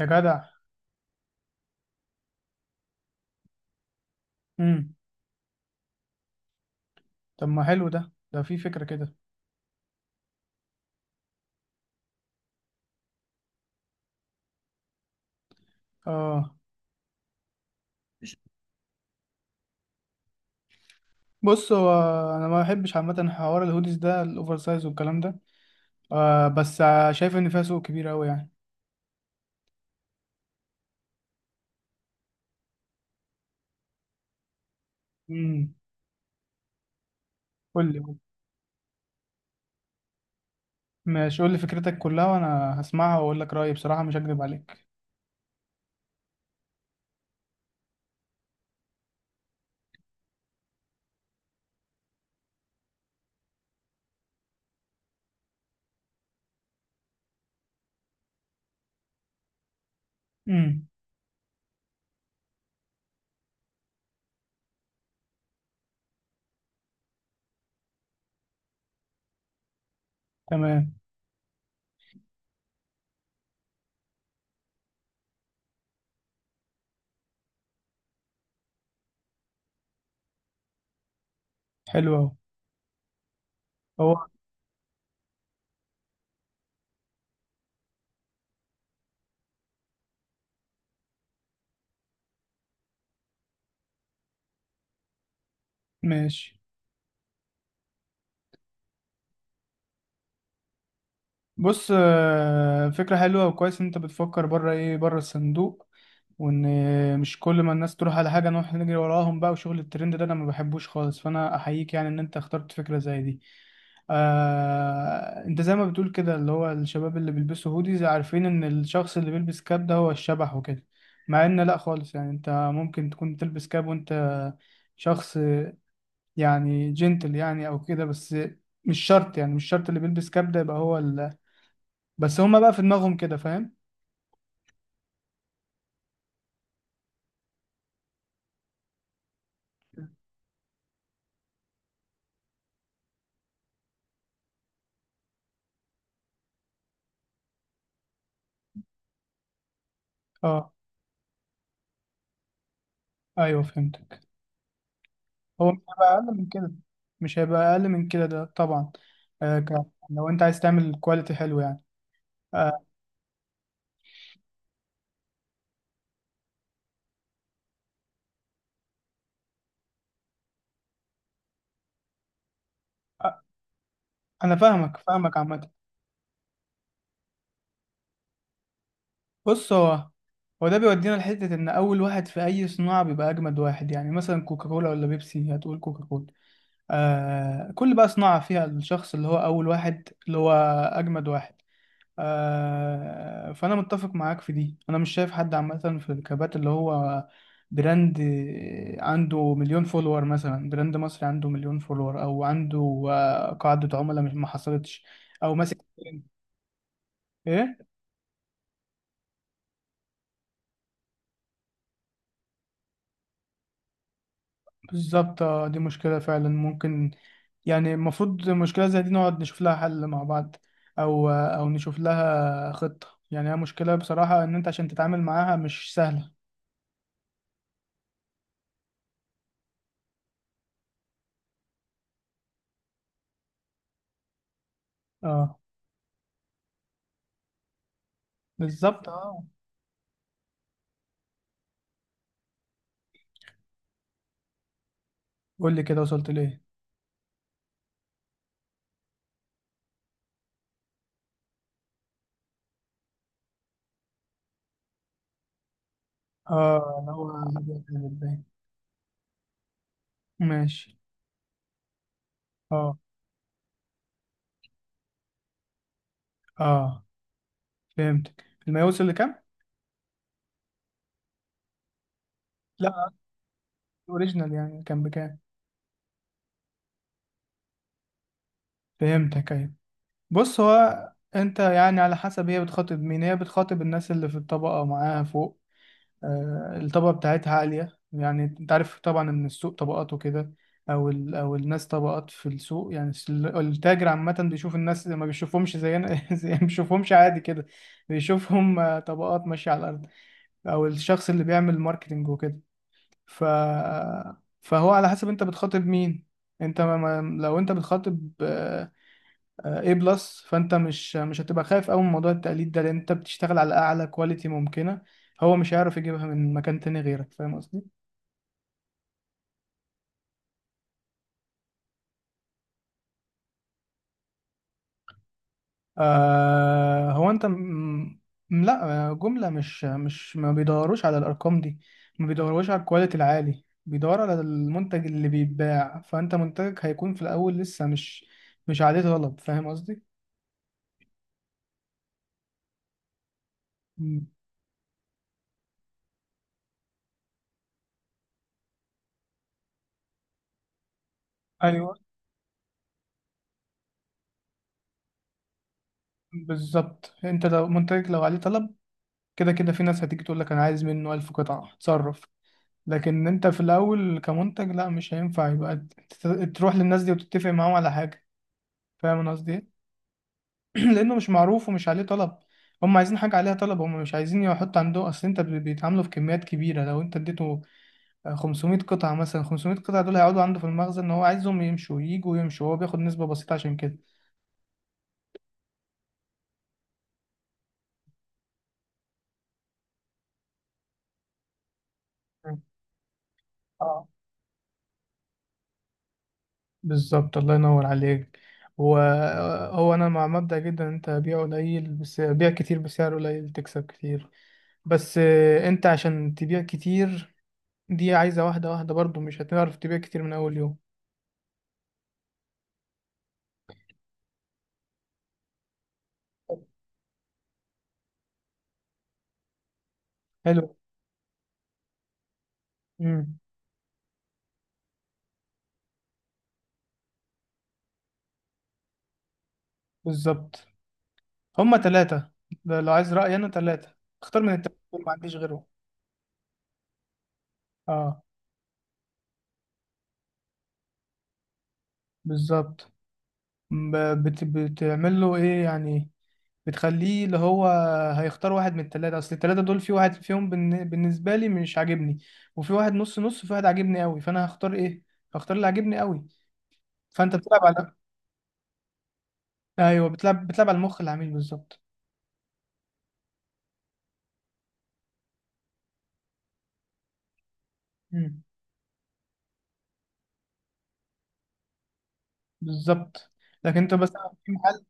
يا جدع. امم طب ما حلو ده في فكرة كده. اه، بص هو انا ما بحبش عامة حوار الهوديز ده الاوفر سايز والكلام ده. بس شايف ان فيها سوق كبير قوي يعني. امم قول لي. ماشي، قول لي فكرتك كلها وانا هسمعها واقول لك رأيي بصراحة، مش هكذب عليك. امم تمام. حلو اهو. هو ماشي. بص، فكرة حلوة وكويس ان انت بتفكر بره، ايه، بره الصندوق. وان مش كل ما الناس تروح على حاجة نروح نجري وراهم بقى وشغل الترند ده انا ما بحبوش خالص، فانا احييك يعني ان انت اخترت فكرة زي دي. انت زي ما بتقول كده اللي هو الشباب اللي بيلبسوا هوديز عارفين ان الشخص اللي بيلبس كاب ده هو الشبح وكده. مع ان لا خالص، يعني انت ممكن تكون تلبس كاب وانت شخص يعني جنتل يعني او كده. بس مش شرط، يعني مش شرط اللي بيلبس كاب ده يبقى هو. بس هما بقى في دماغهم كده، فاهم. اه، ايوه فهمتك. هو مش هيبقى اقل من كده، مش هيبقى اقل من كده ده طبعا. لو انت عايز تعمل كواليتي حلو يعني. آه. آه، انا فاهمك فاهمك عامه. بص، هو ده بيودينا لحته ان اول واحد في اي صناعه بيبقى اجمد واحد. يعني مثلا كوكاكولا ولا بيبسي، هتقول كوكاكولا. كل بقى صناعه فيها الشخص اللي هو اول واحد اللي هو اجمد واحد. فأنا متفق معاك في دي. أنا مش شايف حد عامة في الكبات اللي هو براند عنده مليون فولور، مثلا براند مصري عنده مليون فولور أو عنده قاعدة عملاء، مش ما حصلتش. أو ماسك. إيه. بالظبط، دي مشكلة فعلا ممكن. يعني المفروض مشكلة زي دي نقعد نشوف لها حل مع بعض. أو نشوف لها خطة. يعني هي مشكلة بصراحة إن أنت عشان تتعامل معاها مش سهلة. اه بالظبط اه. قول لي كده وصلت لإيه. اه، اللي هو جامد باين. ماشي. اه، اه فهمتك. الماء وصل لكام؟ لا. الاوريجينال يعني كان بكام؟ فهمتك، ايوه. بص، هو انت يعني على حسب هي بتخاطب مين. هي بتخاطب الناس اللي في الطبقة معاها فوق. آه، الطبقة بتاعتها عالية. يعني انت عارف طبعا ان السوق طبقات وكده. او الناس طبقات في السوق. يعني التاجر عامة بيشوف الناس، ما بيشوفهمش زينا زي ما بيشوفهمش عادي كده. بيشوفهم طبقات ماشية على الارض. او الشخص اللي بيعمل ماركتينج وكده. ف، فهو على حسب انت بتخاطب مين. انت لو انت بتخاطب اي بلس، فانت مش هتبقى خايف قوي من موضوع التقليد ده لان انت بتشتغل على اعلى كواليتي ممكنه. هو مش هيعرف يجيبها من مكان تاني غيرك، فاهم قصدي. آه هو انت م... م- لا. جملة مش ما بيدوروش على الارقام دي. ما بيدوروش على الكواليتي العالي، بيدور على المنتج اللي بيتباع. فانت منتجك هيكون في الاول لسه مش عليه طلب، فاهم قصدي. م. ايوه، بالظبط. انت لو منتجك لو عليه طلب، كده كده في ناس هتيجي تقول لك انا عايز منه 1000 قطعة، اتصرف. لكن انت في الاول كمنتج لا، مش هينفع يبقى ت- تروح للناس دي وتتفق معاهم على حاجة. فاهم أنا قصدي إيه؟ لانه مش معروف ومش عليه طلب. هم عايزين حاجه عليها طلب، هم مش عايزين يحط عنده. اصل انت بيتعاملوا في كميات كبيره. لو انت اديته 500 قطعه مثلا، 500 قطعه دول هيقعدوا عنده في المخزن ان هو عايزهم يمشوا يجوا يمشوا. هو بياخد نسبه بسيطه عشان كده. مم. اه بالظبط الله ينور عليك. وهو انا مع مبدأ جدا إن انت بيع قليل بس بيع كتير، بسعر قليل تكسب كتير. بس انت عشان تبيع كتير دي عايزة واحدة واحدة برضو، مش هتعرف تبيع كتير من اول يوم. حلو. امم بالظبط. هما ثلاثة، ده لو عايز رأيي، أنا ثلاثة، اختار من التلاتة دول، ما عنديش غيرهم. اه بالظبط. ب- بتعمل له إيه يعني؟ بتخليه اللي هو هيختار واحد من التلاتة. أصل التلاتة دول في واحد فيهم بالنسبة لي مش عاجبني، وفي واحد نص نص، وفي واحد عاجبني أوي. فأنا هختار إيه؟ هختار اللي عاجبني أوي. فأنت بتلعب على، أيوه، بتلعب على المخ العميل بالظبط. مم. بالظبط. لكن أنت بس في محل.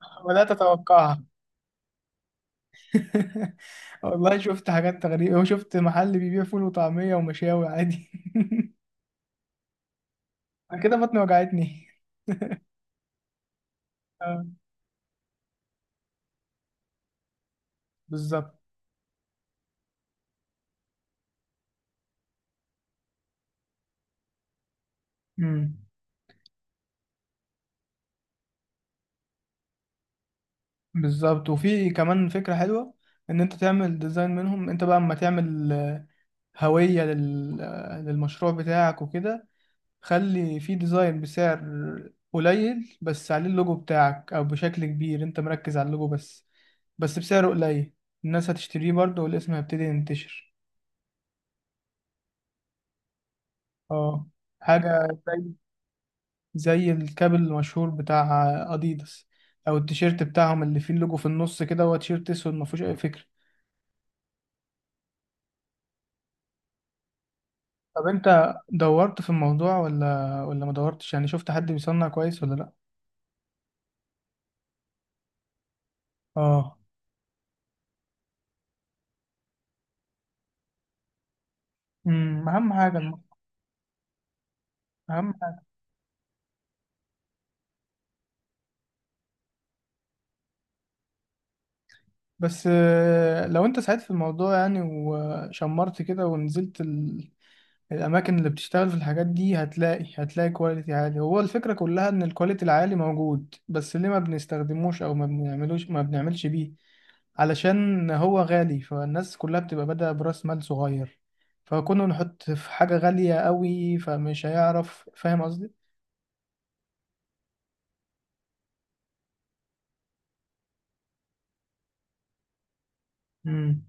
بدأت أتوقعها. والله شفت حاجات غريبة، وشفت محل بيبيع فول وطعمية ومشاوي عادي. أنا كده بطني وجعتني. آه، بالظبط. مم. بالظبط. وفي كمان فكرة حلوة إن أنت تعمل ديزاين منهم، أنت بقى أما تعمل هوية لل... آه، للمشروع بتاعك وكده. خلي في ديزاين بسعر قليل بس عليه اللوجو بتاعك، أو بشكل كبير أنت مركز على اللوجو بس، بس بسعر قليل. الناس هتشتريه برضه، والاسم هيبتدي ينتشر. اه، حاجة زي، الكابل المشهور بتاع اديداس. او التيشيرت بتاعهم اللي فيه اللوجو في النص كده، هو تيشيرت اسود ما فيهوش اي فكرة. طب انت دورت في الموضوع ولا ما دورتش؟ يعني شفت حد بيصنع كويس ولا لا؟ اه. اهم حاجة اهم حاجة. بس لو انت ساعدت في الموضوع يعني وشمرت كده ونزلت الاماكن اللي بتشتغل في الحاجات دي، هتلاقي كواليتي عالي. هو الفكره كلها ان الكواليتي العالي موجود، بس ليه ما بنستخدموش او ما بنعملش بيه؟ علشان هو غالي، فالناس كلها بتبقى بادئه براس مال صغير، فكنا نحط في حاجه غاليه قوي فمش هيعرف، فاهم قصدي. مم.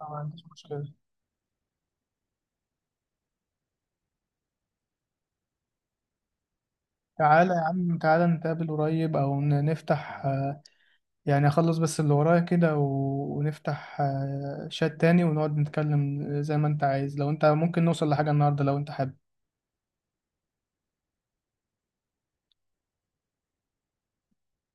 ما عنديش مشكله. تعالى يا عم، تعالى نتقابل قريب، او نفتح. يعني اخلص بس اللي ورايا كده و... ونفتح شات تاني ونقعد نتكلم زي ما انت عايز. لو انت ممكن نوصل لحاجة النهاردة، لو انت حابب.